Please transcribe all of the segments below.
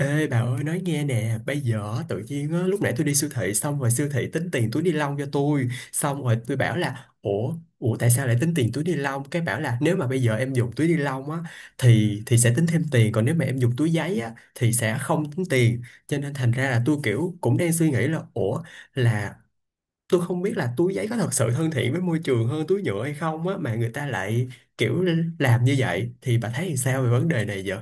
Ê bà ơi nói nghe nè. Bây giờ á, tự nhiên á, lúc nãy tôi đi siêu thị. Xong rồi siêu thị tính tiền túi ni lông cho tôi. Xong rồi tôi bảo là ủa tại sao lại tính tiền túi ni lông. Cái bảo là nếu mà bây giờ em dùng túi ni lông á, thì sẽ tính thêm tiền. Còn nếu mà em dùng túi giấy á thì sẽ không tính tiền. Cho nên thành ra là tôi kiểu cũng đang suy nghĩ là ủa là tôi không biết là túi giấy có thật sự thân thiện với môi trường hơn túi nhựa hay không á. Mà người ta lại kiểu làm như vậy. Thì bà thấy làm sao về vấn đề này vậy?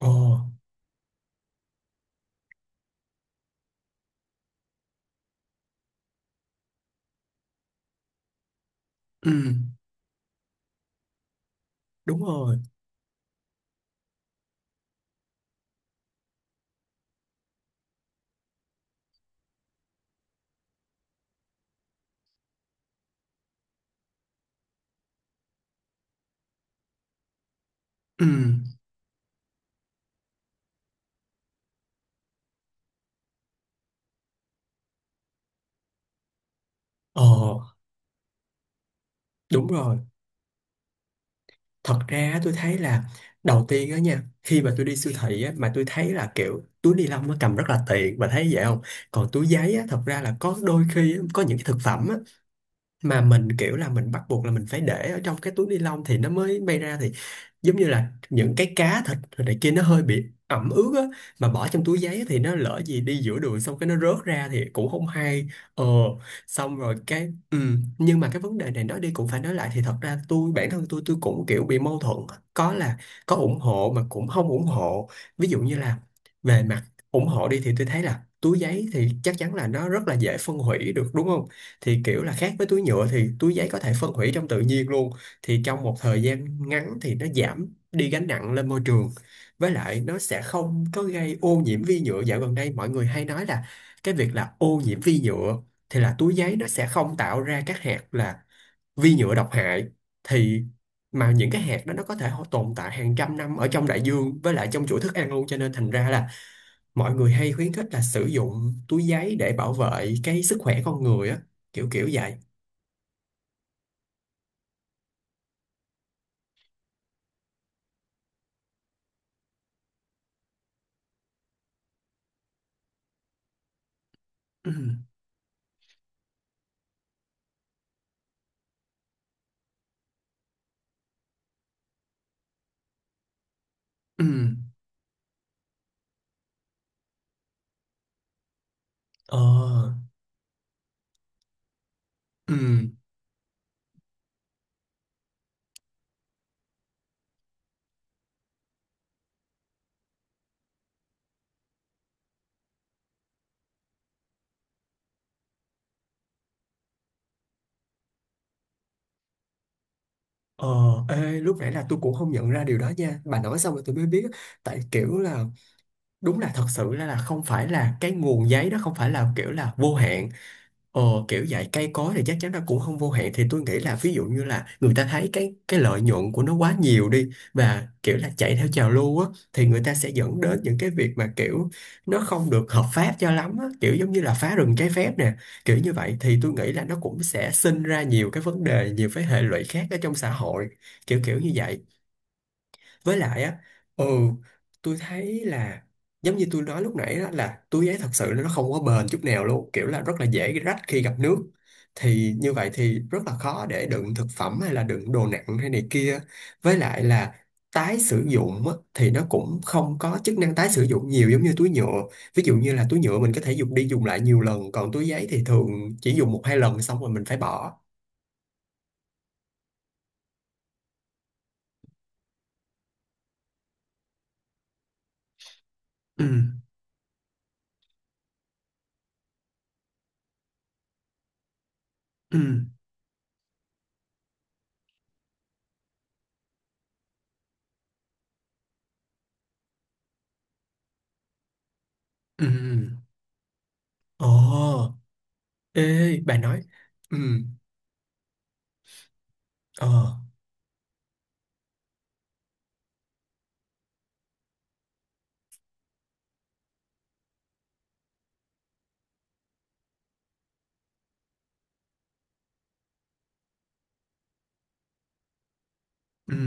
Ồ, ừ, đúng rồi, ừm, ờ, đúng rồi. Thật ra á, tôi thấy là đầu tiên á nha, khi mà tôi đi siêu thị á, mà tôi thấy là kiểu túi ni lông nó cầm rất là tiện, và thấy vậy không? Còn túi giấy á, thật ra là có đôi khi á, có những cái thực phẩm á, mà mình kiểu là mình bắt buộc là mình phải để ở trong cái túi ni lông thì nó mới bay ra, thì giống như là những cái cá thịt rồi này kia nó hơi bị ẩm ướt á, mà bỏ trong túi giấy thì nó lỡ gì đi giữa đường xong cái nó rớt ra thì cũng không hay. Ờ, xong rồi cái ừ. Nhưng mà cái vấn đề này nói đi cũng phải nói lại thì thật ra tôi bản thân tôi cũng kiểu bị mâu thuẫn, có là có ủng hộ mà cũng không ủng hộ. Ví dụ như là về mặt ủng hộ đi thì tôi thấy là túi giấy thì chắc chắn là nó rất là dễ phân hủy được đúng không, thì kiểu là khác với túi nhựa thì túi giấy có thể phân hủy trong tự nhiên luôn, thì trong một thời gian ngắn thì nó giảm đi gánh nặng lên môi trường. Với lại nó sẽ không có gây ô nhiễm vi nhựa. Dạo gần đây mọi người hay nói là cái việc là ô nhiễm vi nhựa, thì là túi giấy nó sẽ không tạo ra các hạt là vi nhựa độc hại. Thì mà những cái hạt đó nó có thể tồn tại hàng trăm năm ở trong đại dương với lại trong chuỗi thức ăn luôn, cho nên thành ra là mọi người hay khuyến khích là sử dụng túi giấy để bảo vệ cái sức khỏe con người á, kiểu kiểu vậy. Ừ, ừ, ờ, ừ, ờ, ê, lúc nãy là tôi cũng không nhận ra điều đó nha. Bà nói xong rồi tôi mới biết. Tại kiểu là đúng là thật sự là không phải là cái nguồn giấy đó không phải là kiểu là vô hạn. Ờ, kiểu dạy cây cối thì chắc chắn nó cũng không vô hạn, thì tôi nghĩ là ví dụ như là người ta thấy cái lợi nhuận của nó quá nhiều đi và kiểu là chạy theo trào lưu á, thì người ta sẽ dẫn đến những cái việc mà kiểu nó không được hợp pháp cho lắm á, kiểu giống như là phá rừng trái phép nè. Kiểu như vậy thì tôi nghĩ là nó cũng sẽ sinh ra nhiều cái vấn đề, nhiều cái hệ lụy khác ở trong xã hội, kiểu kiểu như vậy. Với lại á, ừ, tôi thấy là giống như tôi nói lúc nãy đó là túi giấy thật sự nó không có bền chút nào luôn, kiểu là rất là dễ rách khi gặp nước, thì như vậy thì rất là khó để đựng thực phẩm hay là đựng đồ nặng hay này kia. Với lại là tái sử dụng á, thì nó cũng không có chức năng tái sử dụng nhiều giống như túi nhựa. Ví dụ như là túi nhựa mình có thể dùng đi dùng lại nhiều lần, còn túi giấy thì thường chỉ dùng một hai lần xong rồi mình phải bỏ. Ừ, ừ, ừ, ồ, ê, bà nói, ừ, ờ, ừ,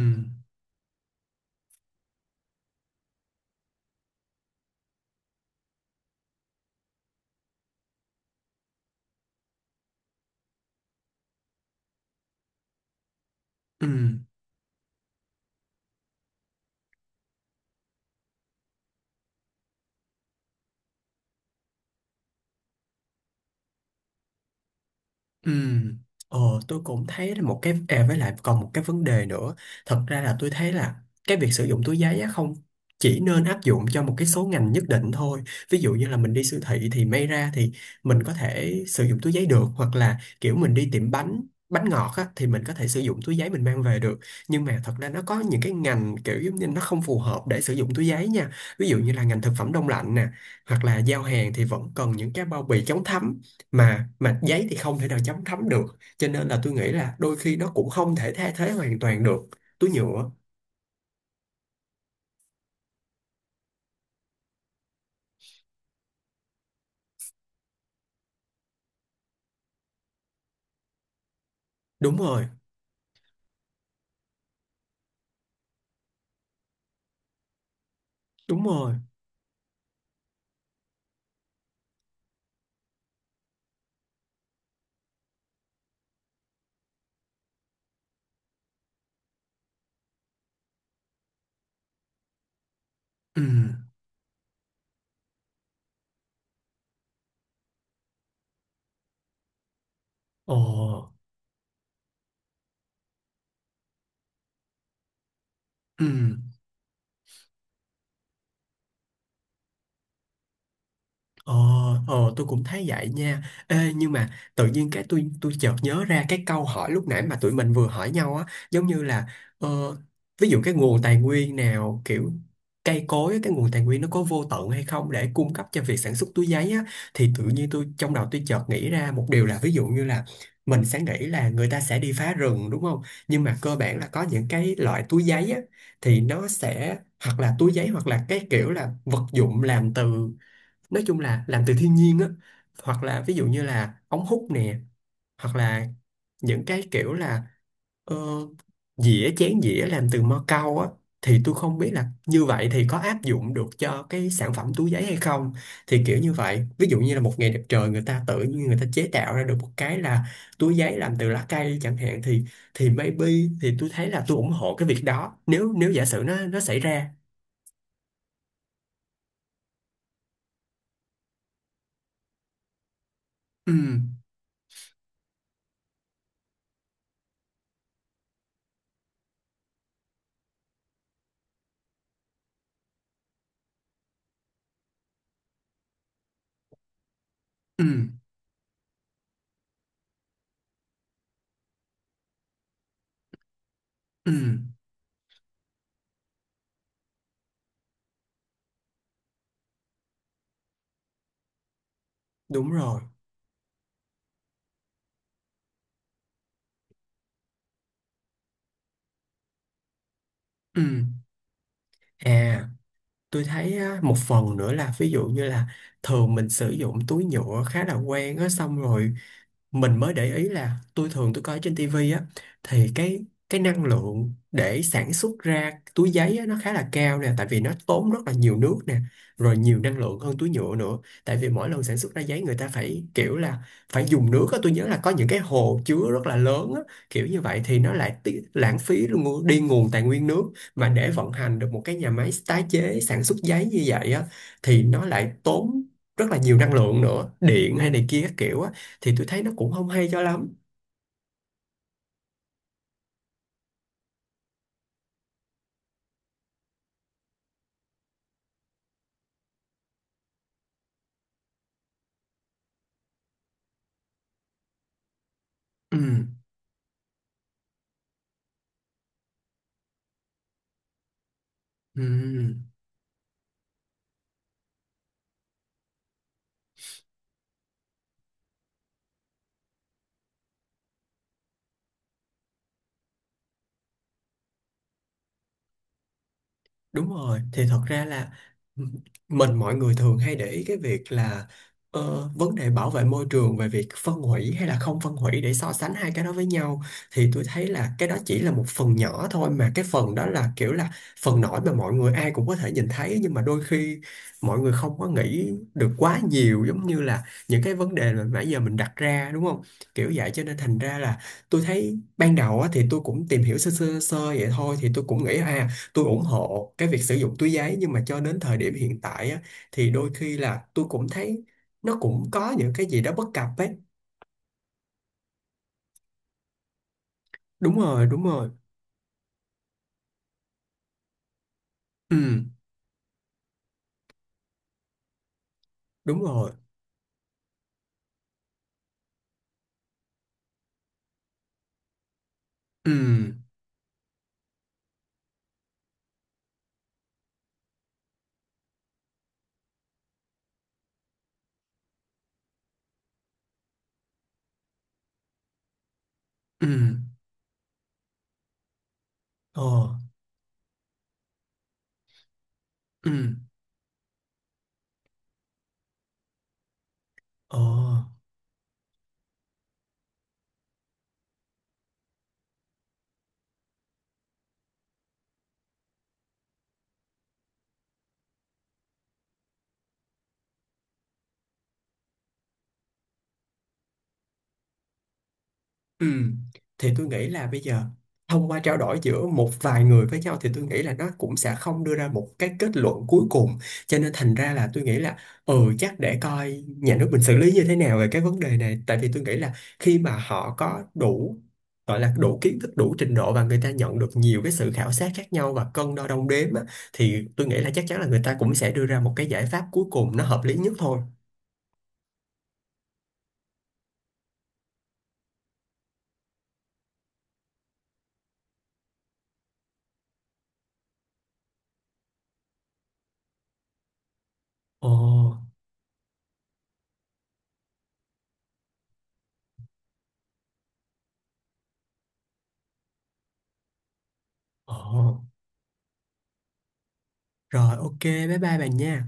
ừ. Ừ, ờ, tôi cũng thấy là một cái à, với lại còn một cái vấn đề nữa. Thật ra là tôi thấy là cái việc sử dụng túi giấy á không chỉ nên áp dụng cho một cái số ngành nhất định thôi. Ví dụ như là mình đi siêu thị thì may ra thì mình có thể sử dụng túi giấy được, hoặc là kiểu mình đi tiệm bánh, bánh ngọt á, thì mình có thể sử dụng túi giấy mình mang về được. Nhưng mà thật ra nó có những cái ngành kiểu giống như nó không phù hợp để sử dụng túi giấy nha. Ví dụ như là ngành thực phẩm đông lạnh nè, hoặc là giao hàng thì vẫn cần những cái bao bì chống thấm, mà giấy thì không thể nào chấm thấm được. Cho nên là tôi nghĩ là đôi khi nó cũng không thể thay thế hoàn toàn được túi nhựa. Đúng rồi, đúng rồi, ừ, ồ, ừ. Ờ, ờ tôi cũng thấy vậy nha. Ê, nhưng mà tự nhiên cái tôi chợt nhớ ra cái câu hỏi lúc nãy mà tụi mình vừa hỏi nhau á, giống như là ờ, ví dụ cái nguồn tài nguyên nào kiểu cây cối á, cái nguồn tài nguyên nó có vô tận hay không để cung cấp cho việc sản xuất túi giấy á, thì tự nhiên tôi trong đầu tôi chợt nghĩ ra một điều là ví dụ như là mình sẽ nghĩ là người ta sẽ đi phá rừng đúng không? Nhưng mà cơ bản là có những cái loại túi giấy á thì nó sẽ hoặc là túi giấy hoặc là cái kiểu là vật dụng làm từ, nói chung là làm từ thiên nhiên á, hoặc là ví dụ như là ống hút nè, hoặc là những cái kiểu là ờ, dĩa chén dĩa làm từ mo cau á, thì tôi không biết là như vậy thì có áp dụng được cho cái sản phẩm túi giấy hay không. Thì kiểu như vậy ví dụ như là một ngày đẹp trời người ta tự nhiên người ta chế tạo ra được một cái là túi giấy làm từ lá cây chẳng hạn thì maybe thì tôi thấy là tôi ủng hộ cái việc đó, nếu nếu giả sử nó xảy ra. Ừ, ừ, ừ, đúng rồi, ừ. À, tôi thấy á, một phần nữa là ví dụ như là thường mình sử dụng túi nhựa khá là quen á, xong rồi mình mới để ý là tôi thường tôi coi trên tivi á, thì cái năng lượng để sản xuất ra túi giấy á, nó khá là cao nè, tại vì nó tốn rất là nhiều nước nè, rồi nhiều năng lượng hơn túi nhựa nữa. Tại vì mỗi lần sản xuất ra giấy người ta phải kiểu là phải dùng nước á, tôi nhớ là có những cái hồ chứa rất là lớn á. Kiểu như vậy thì nó lại lãng phí luôn đi nguồn tài nguyên nước, mà để vận hành được một cái nhà máy tái chế sản xuất giấy như vậy á, thì nó lại tốn rất là nhiều năng lượng nữa, điện hay này kia các kiểu á, thì tôi thấy nó cũng không hay cho lắm. Ừ, ừ. Đúng rồi, thì thật ra là m- mọi người thường hay để ý cái việc là ờ, vấn đề bảo vệ môi trường về việc phân hủy hay là không phân hủy để so sánh hai cái đó với nhau, thì tôi thấy là cái đó chỉ là một phần nhỏ thôi, mà cái phần đó là kiểu là phần nổi mà mọi người ai cũng có thể nhìn thấy. Nhưng mà đôi khi mọi người không có nghĩ được quá nhiều, giống như là những cái vấn đề mà nãy giờ mình đặt ra đúng không? Kiểu vậy cho nên thành ra là tôi thấy ban đầu á, thì tôi cũng tìm hiểu sơ sơ sơ vậy thôi, thì tôi cũng nghĩ à tôi ủng hộ cái việc sử dụng túi giấy. Nhưng mà cho đến thời điểm hiện tại á, thì đôi khi là tôi cũng thấy nó cũng có những cái gì đó bất cập ấy. Đúng rồi, đúng rồi, ừ, đúng rồi, ừ, ừ, ờ, ừ, ờ. Ừ. Thì tôi nghĩ là bây giờ thông qua trao đổi giữa một vài người với nhau thì tôi nghĩ là nó cũng sẽ không đưa ra một cái kết luận cuối cùng. Cho nên thành ra là tôi nghĩ là ừ chắc để coi nhà nước mình xử lý như thế nào về cái vấn đề này, tại vì tôi nghĩ là khi mà họ có đủ, gọi là đủ kiến thức, đủ trình độ và người ta nhận được nhiều cái sự khảo sát khác nhau và cân đo đong đếm á, thì tôi nghĩ là chắc chắn là người ta cũng sẽ đưa ra một cái giải pháp cuối cùng nó hợp lý nhất thôi. Ồ, ồ, rồi ok, bye bye bạn nha.